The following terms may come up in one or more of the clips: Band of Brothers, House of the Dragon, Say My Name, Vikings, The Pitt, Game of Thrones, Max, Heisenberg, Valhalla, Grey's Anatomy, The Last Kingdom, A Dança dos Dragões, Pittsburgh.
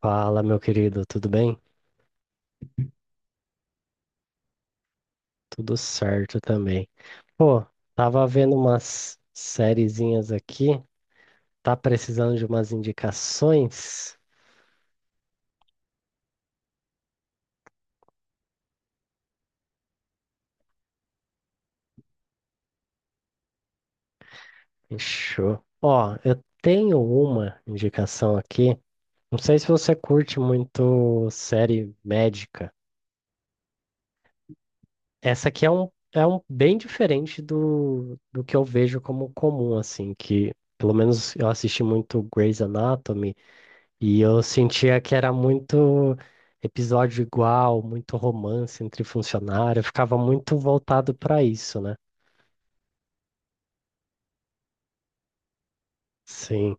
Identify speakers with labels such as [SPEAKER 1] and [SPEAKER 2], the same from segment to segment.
[SPEAKER 1] Fala, meu querido, tudo bem? Tudo certo também. Pô, tava vendo umas sériezinhas aqui, tá precisando de umas indicações? Fechou. Ó, eu tenho uma indicação aqui. Não sei se você curte muito série médica. Essa aqui é um bem diferente do que eu vejo como comum, assim, que pelo menos eu assisti muito Grey's Anatomy. E eu sentia que era muito episódio igual, muito romance entre funcionários, eu ficava muito voltado para isso, né? Sim.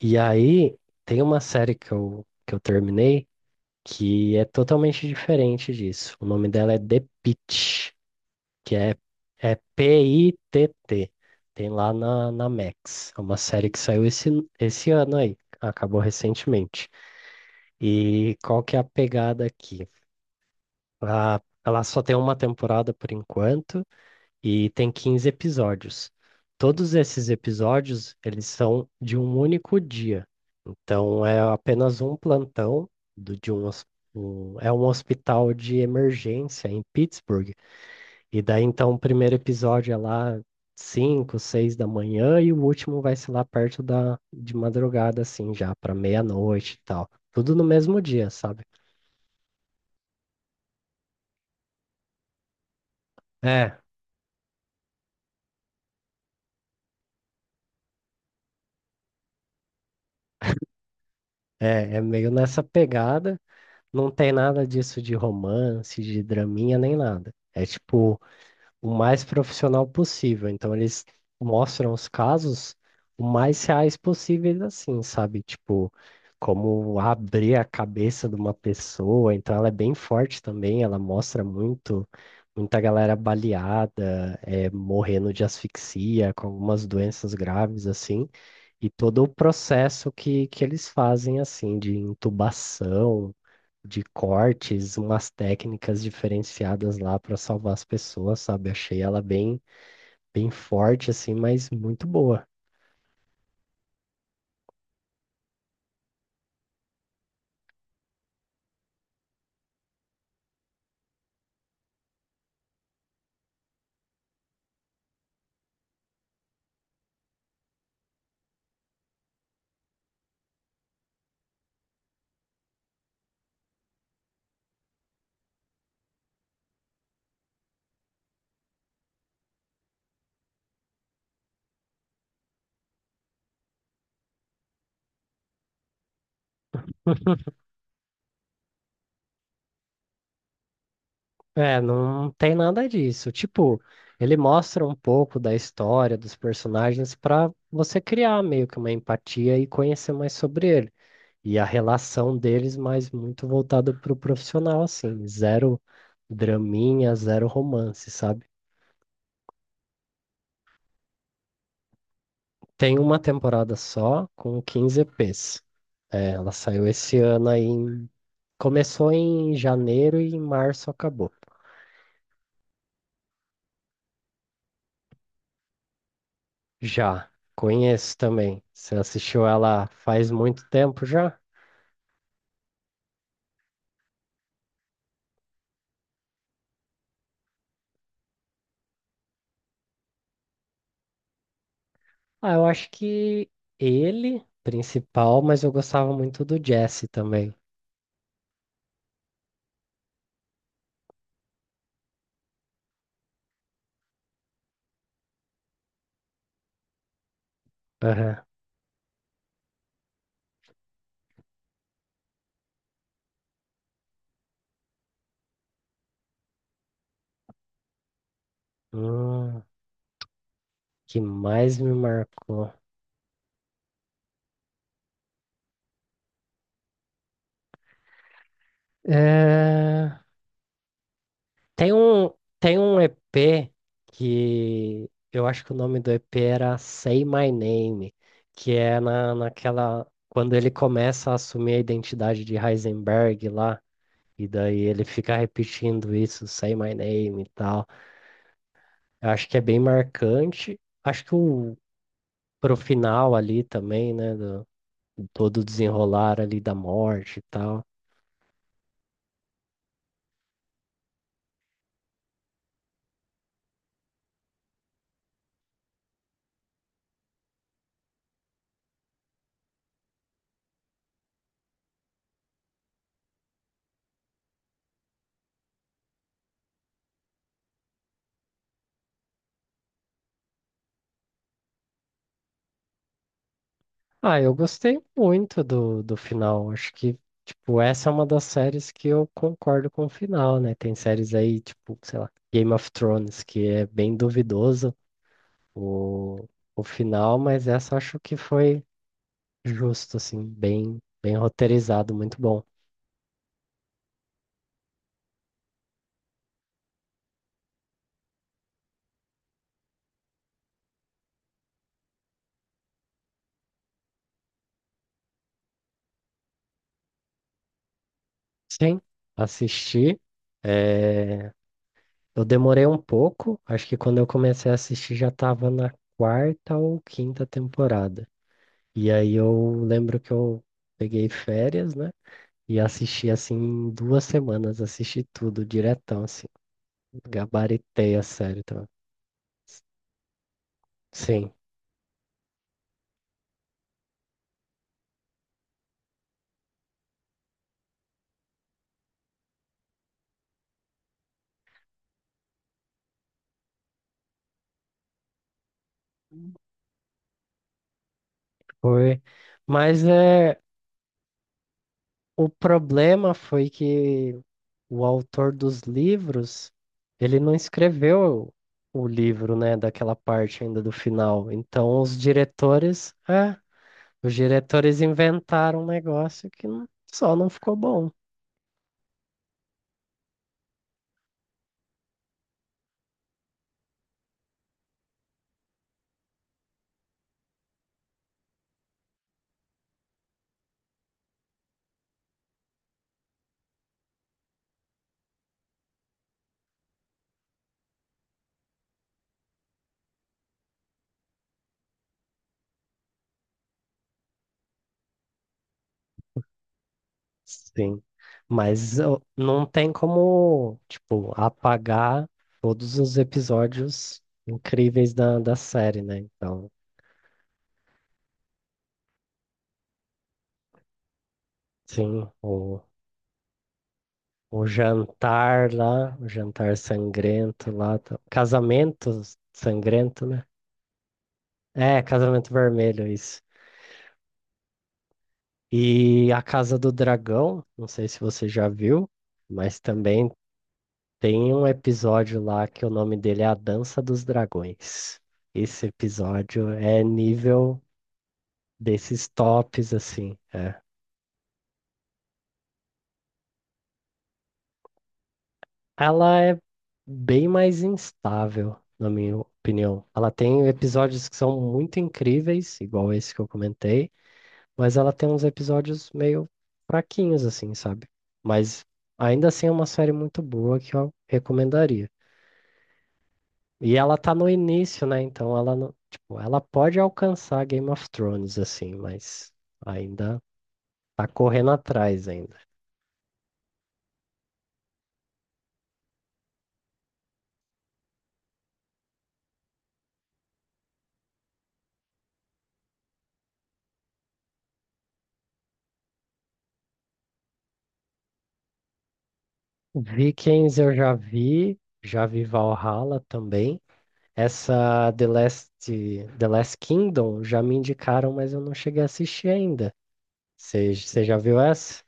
[SPEAKER 1] E aí tem uma série que eu terminei que é totalmente diferente disso. O nome dela é The Pitt, que é, é P-I-T-T. Tem lá na, na Max. É uma série que saiu esse, esse ano aí, acabou recentemente. E qual que é a pegada aqui? Ela só tem uma temporada por enquanto e tem 15 episódios. Todos esses episódios, eles são de um único dia. Então é apenas um plantão do, de um, é um hospital de emergência em Pittsburgh. E daí então o primeiro episódio é lá 5 6 da manhã e o último vai ser lá perto da de madrugada assim já para meia-noite e tal. Tudo no mesmo dia, sabe? É, é meio nessa pegada. Não tem nada disso de romance, de draminha, nem nada. É tipo o mais profissional possível. Então eles mostram os casos o mais reais possíveis, assim, sabe? Tipo, como abrir a cabeça de uma pessoa. Então ela é bem forte também, ela mostra muito, muita galera baleada, é, morrendo de asfixia, com algumas doenças graves, assim. E todo o processo que eles fazem, assim, de intubação de cortes, umas técnicas diferenciadas lá para salvar as pessoas, sabe? Achei ela bem, bem forte, assim, mas muito boa. É, não tem nada disso. Tipo, ele mostra um pouco da história dos personagens para você criar meio que uma empatia e conhecer mais sobre ele. E a relação deles, mas muito voltado pro profissional, assim. Zero draminha, zero romance, sabe? Tem uma temporada só com 15 EPs. É, ela saiu esse ano aí. Começou em janeiro e em março acabou. Já, conheço também. Você assistiu ela faz muito tempo já? Ah, eu acho que ele, principal, mas eu gostava muito do Jesse também. Aham. Hum, que mais me marcou? É... Tem um, tem um EP que eu acho que o nome do EP era Say My Name, que é na, naquela. Quando ele começa a assumir a identidade de Heisenberg lá, e daí ele fica repetindo isso, Say My Name e tal. Eu acho que é bem marcante. Acho que o, pro final ali também, né? Do, todo o desenrolar ali da morte e tal. Ah, eu gostei muito do, do final. Acho que, tipo, essa é uma das séries que eu concordo com o final, né? Tem séries aí, tipo, sei lá, Game of Thrones, que é bem duvidoso o, o final, mas essa eu acho que foi justo, assim, bem, bem roteirizado, muito bom. Sim, assisti. eh, Eu demorei um pouco, acho que quando eu comecei a assistir já estava na quarta ou quinta temporada. E aí eu lembro que eu peguei férias, né? E assisti assim em duas semanas, assisti tudo diretão, assim, gabaritei a série também. Sim, foi. Mas é, o problema foi que o autor dos livros, ele não escreveu o livro, né, daquela parte ainda do final. Então os diretores, é, os diretores inventaram um negócio que só não ficou bom. Sim, mas não tem como, tipo, apagar todos os episódios incríveis da, da série, né? Então, sim, o jantar lá, o jantar sangrento lá, casamento sangrento, né? É, casamento vermelho, isso. E a Casa do Dragão, não sei se você já viu, mas também tem um episódio lá que o nome dele é A Dança dos Dragões. Esse episódio é nível desses tops, assim. É. Ela é bem mais instável, na minha opinião. Ela tem episódios que são muito incríveis, igual esse que eu comentei, mas ela tem uns episódios meio fraquinhos, assim, sabe? Mas ainda assim é uma série muito boa que eu recomendaria. E ela tá no início, né? Então ela não, tipo, ela pode alcançar Game of Thrones assim, mas ainda tá correndo atrás ainda. Vikings eu já vi Valhalla também. Essa The Last, The Last Kingdom já me indicaram, mas eu não cheguei a assistir ainda. Você já viu essa?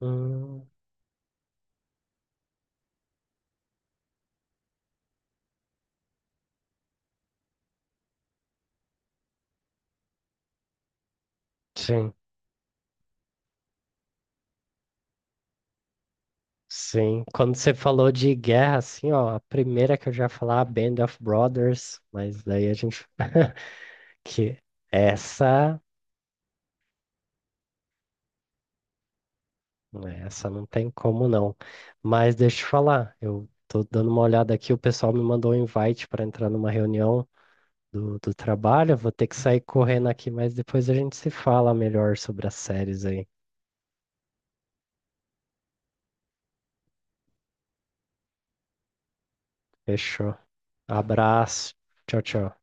[SPEAKER 1] Hum, sim, sim. Quando você falou de guerra, assim, ó, a primeira que eu já ia falar, Band of Brothers, mas daí a gente que essa, né, essa não tem como não. Mas deixa eu te falar, eu tô dando uma olhada aqui, o pessoal me mandou um invite para entrar numa reunião do, do trabalho, eu vou ter que sair correndo aqui, mas depois a gente se fala melhor sobre as séries aí. Fechou. Abraço. Tchau, tchau.